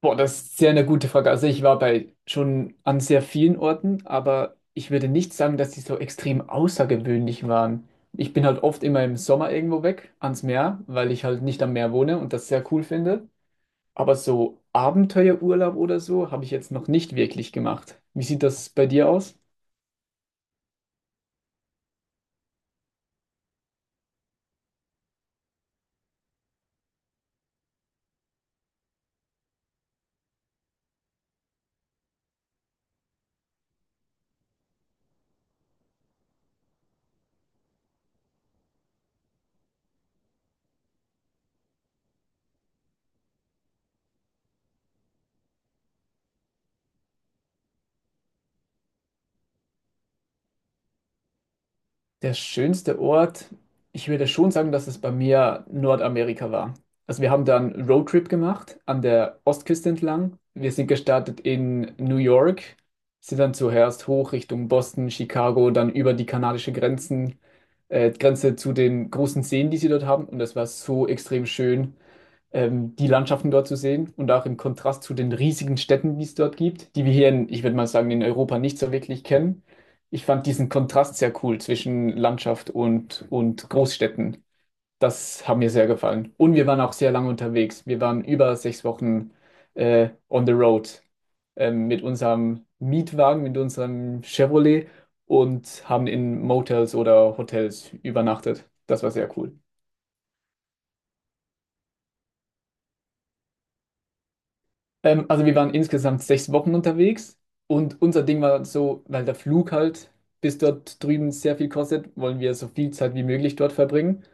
Boah, das ist sehr eine gute Frage. Also ich war bei schon an sehr vielen Orten, aber ich würde nicht sagen, dass die so extrem außergewöhnlich waren. Ich bin halt oft immer im Sommer irgendwo weg ans Meer, weil ich halt nicht am Meer wohne und das sehr cool finde. Aber so Abenteuerurlaub oder so habe ich jetzt noch nicht wirklich gemacht. Wie sieht das bei dir aus? Der schönste Ort, ich würde schon sagen, dass es bei mir Nordamerika war. Also wir haben da einen Roadtrip gemacht an der Ostküste entlang. Wir sind gestartet in New York, sind dann zuerst hoch Richtung Boston, Chicago, dann über die kanadische Grenzen, Grenze zu den großen Seen, die sie dort haben. Und das war so extrem schön, die Landschaften dort zu sehen und auch im Kontrast zu den riesigen Städten, die es dort gibt, die wir hier in, ich würde mal sagen, in Europa nicht so wirklich kennen. Ich fand diesen Kontrast sehr cool zwischen Landschaft und Großstädten. Das hat mir sehr gefallen. Und wir waren auch sehr lange unterwegs. Wir waren über 6 Wochen on the road, mit unserem Mietwagen, mit unserem Chevrolet und haben in Motels oder Hotels übernachtet. Das war sehr cool. Also wir waren insgesamt 6 Wochen unterwegs und unser Ding war so, weil der Flug halt bis dort drüben sehr viel kostet, wollen wir so viel Zeit wie möglich dort verbringen.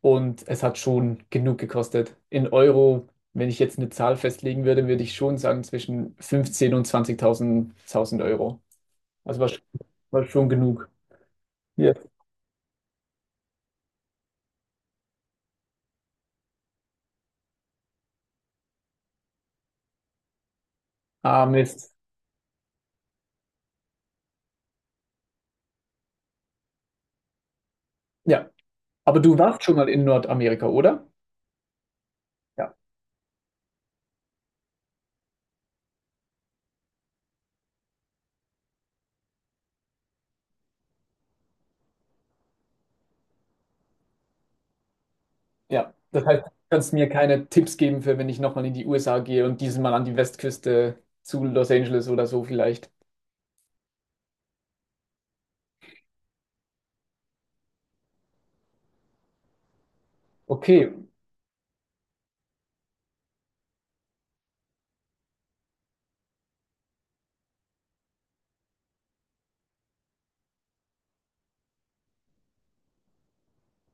Und es hat schon genug gekostet. In Euro, wenn ich jetzt eine Zahl festlegen würde, würde ich schon sagen zwischen 15.000 und 20.000 1000 Euro. Also war, war schon genug. Ja. Ah, Mist. Ja, aber du warst schon mal in Nordamerika, oder? Ja, das heißt, du kannst mir keine Tipps geben für, wenn ich nochmal in die USA gehe und diesmal an die Westküste zu Los Angeles oder so vielleicht. Okay,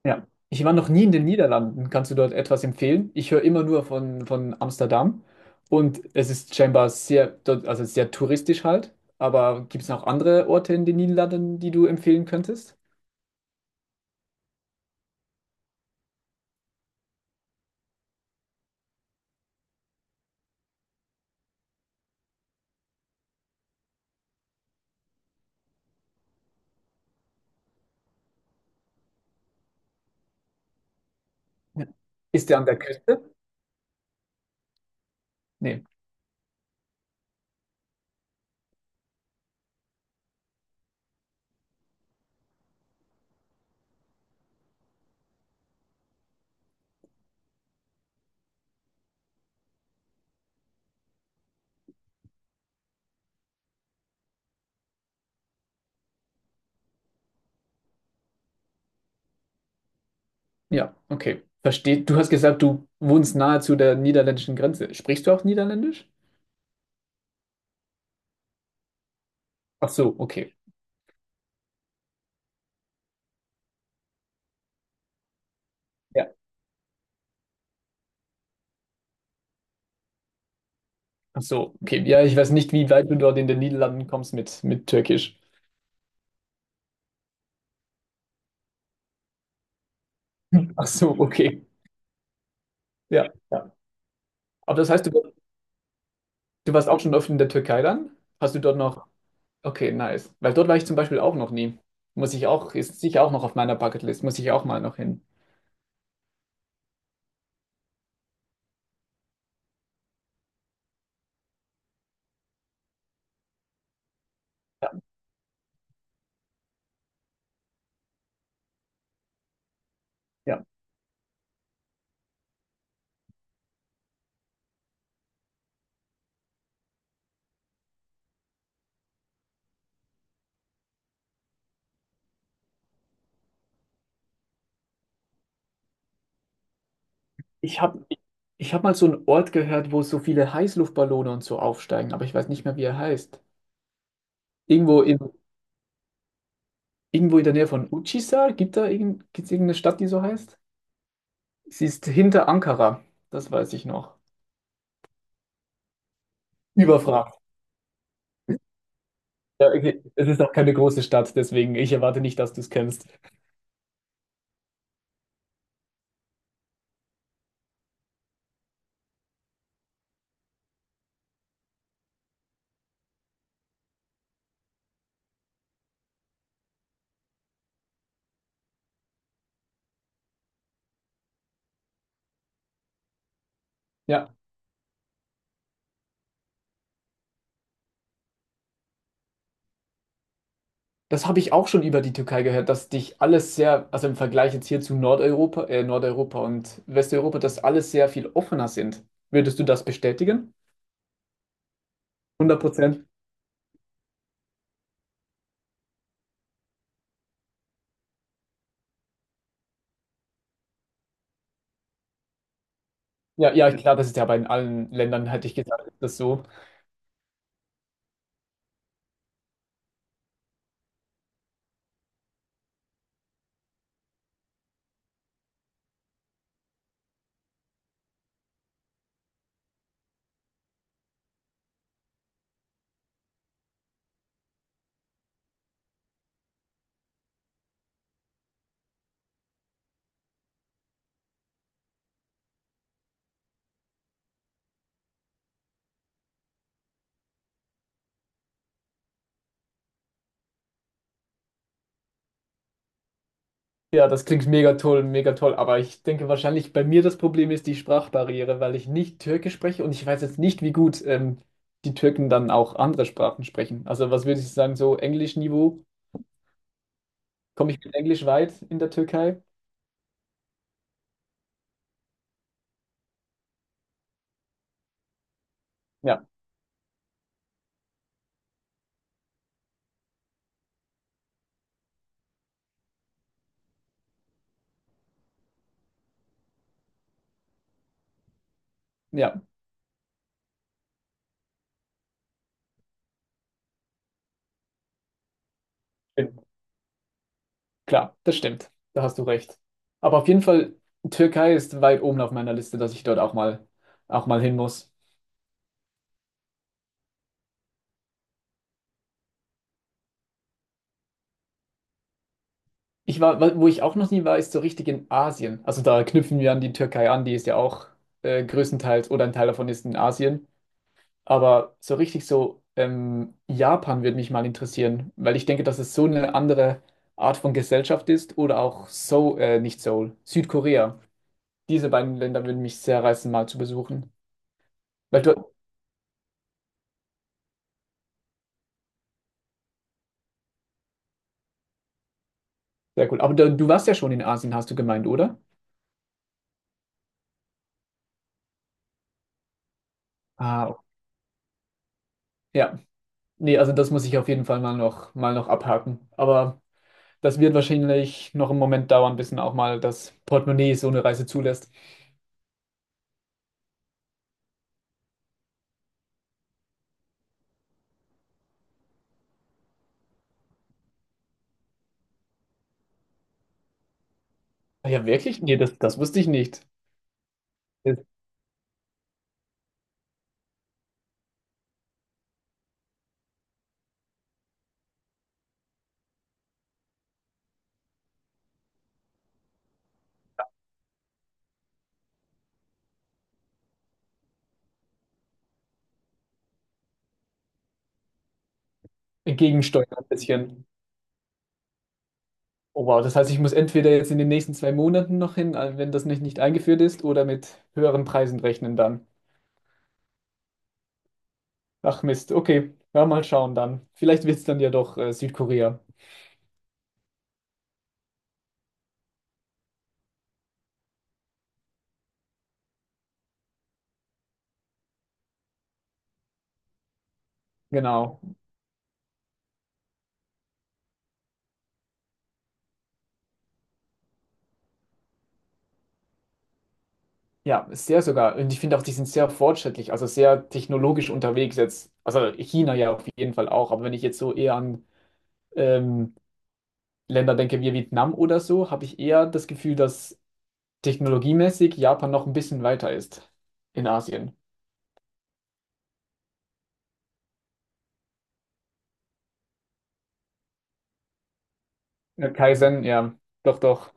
ja. Ich war noch nie in den Niederlanden. Kannst du dort etwas empfehlen? Ich höre immer nur von Amsterdam und es ist scheinbar sehr, dort, also sehr touristisch halt. Aber gibt es noch andere Orte in den Niederlanden, die du empfehlen könntest? Ja. Ist der an der Küste? Nee. Ja, okay. Versteht. Du hast gesagt, du wohnst nahe zu der niederländischen Grenze. Sprichst du auch Niederländisch? Ach so, okay. Ja. Ach so, okay. Ja, ich weiß nicht, wie weit du dort in den Niederlanden kommst mit Türkisch. Ach so, okay. Ja, ja. Aber das heißt, du warst auch schon oft in der Türkei dann? Hast du dort noch? Okay, nice. Weil dort war ich zum Beispiel auch noch nie. Muss ich auch, ist sicher auch noch auf meiner Bucketlist, muss ich auch mal noch hin. Ja. Ich habe ich hab mal so einen Ort gehört, wo so viele Heißluftballone und so aufsteigen, aber ich weiß nicht mehr, wie er heißt. Irgendwo in, irgendwo in der Nähe von Uçhisar, gibt's irgendeine Stadt, die so heißt? Sie ist hinter Ankara, das weiß ich noch. Überfragt. Ja, okay. Es ist auch keine große Stadt, deswegen ich erwarte nicht, dass du es kennst. Ja, das habe ich auch schon über die Türkei gehört, dass dich alles sehr, also im Vergleich jetzt hier zu Nordeuropa und Westeuropa, dass alles sehr viel offener sind. Würdest du das bestätigen? 100%. Ja, ja, klar, das ist ja bei allen Ländern, hätte ich gesagt, ist das so. Ja, das klingt mega toll, mega toll. Aber ich denke wahrscheinlich bei mir das Problem ist die Sprachbarriere, weil ich nicht Türkisch spreche und ich weiß jetzt nicht, wie gut, die Türken dann auch andere Sprachen sprechen. Also was würde ich sagen, so Englischniveau? Komme ich mit Englisch weit in der Türkei? Ja, ja, stimmt, klar, das stimmt. Da hast du recht. Aber auf jeden Fall, Türkei ist weit oben auf meiner Liste, dass ich dort auch mal hin muss. Ich war, wo ich auch noch nie war, ist so richtig in Asien. Also da knüpfen wir an die Türkei an, die ist ja auch größtenteils oder ein Teil davon ist in Asien. Aber so richtig so Japan würde mich mal interessieren, weil ich denke, dass es so eine andere Art von Gesellschaft ist oder auch Seoul, nicht Seoul, Südkorea. Diese beiden Länder würden mich sehr reizen, mal zu besuchen. Weil du, sehr cool. Aber du warst ja schon in Asien, hast du gemeint, oder? Ah, ja. Nee, also das muss ich auf jeden Fall mal noch abhaken. Aber das wird wahrscheinlich noch einen Moment dauern, bis dann auch mal das Portemonnaie so eine Reise zulässt. Ah ja, wirklich? Nee, das wusste ich nicht. Das Gegensteuern ein bisschen. Oh wow, das heißt, ich muss entweder jetzt in den nächsten 2 Monaten noch hin, wenn das nicht eingeführt ist, oder mit höheren Preisen rechnen dann. Ach Mist, okay. Ja, mal schauen dann. Vielleicht wird es dann ja doch Südkorea. Genau. Ja, sehr sogar. Und ich finde auch, die sind sehr fortschrittlich, also sehr technologisch unterwegs jetzt. Also China ja auf jeden Fall auch, aber wenn ich jetzt so eher an ähm, Länder denke, wie Vietnam oder so, habe ich eher das Gefühl, dass technologiemäßig Japan noch ein bisschen weiter ist in Asien. Ja, Kaizen, ja, doch, doch,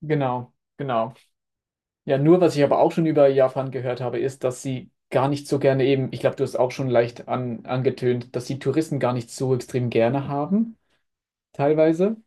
genau, genau. Ja, nur was ich aber auch schon über Japan gehört habe, ist, dass sie gar nicht so gerne eben, ich glaube, du hast auch schon leicht angetönt, dass sie Touristen gar nicht so extrem gerne haben, teilweise.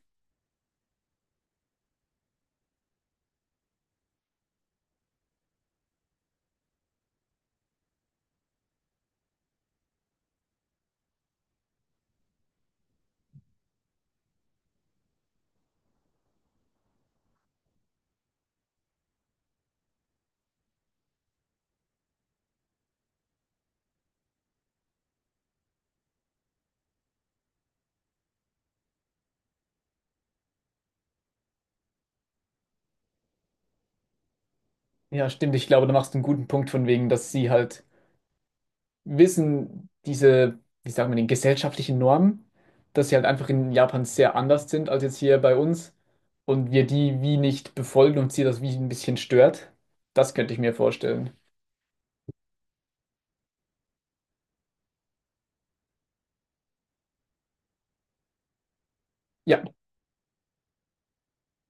Ja, stimmt, ich glaube, da machst du einen guten Punkt von wegen, dass sie halt wissen diese, wie sagen wir, den gesellschaftlichen Normen, dass sie halt einfach in Japan sehr anders sind als jetzt hier bei uns und wir die wie nicht befolgen und sie das wie ein bisschen stört. Das könnte ich mir vorstellen. Ja,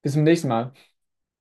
bis zum nächsten Mal.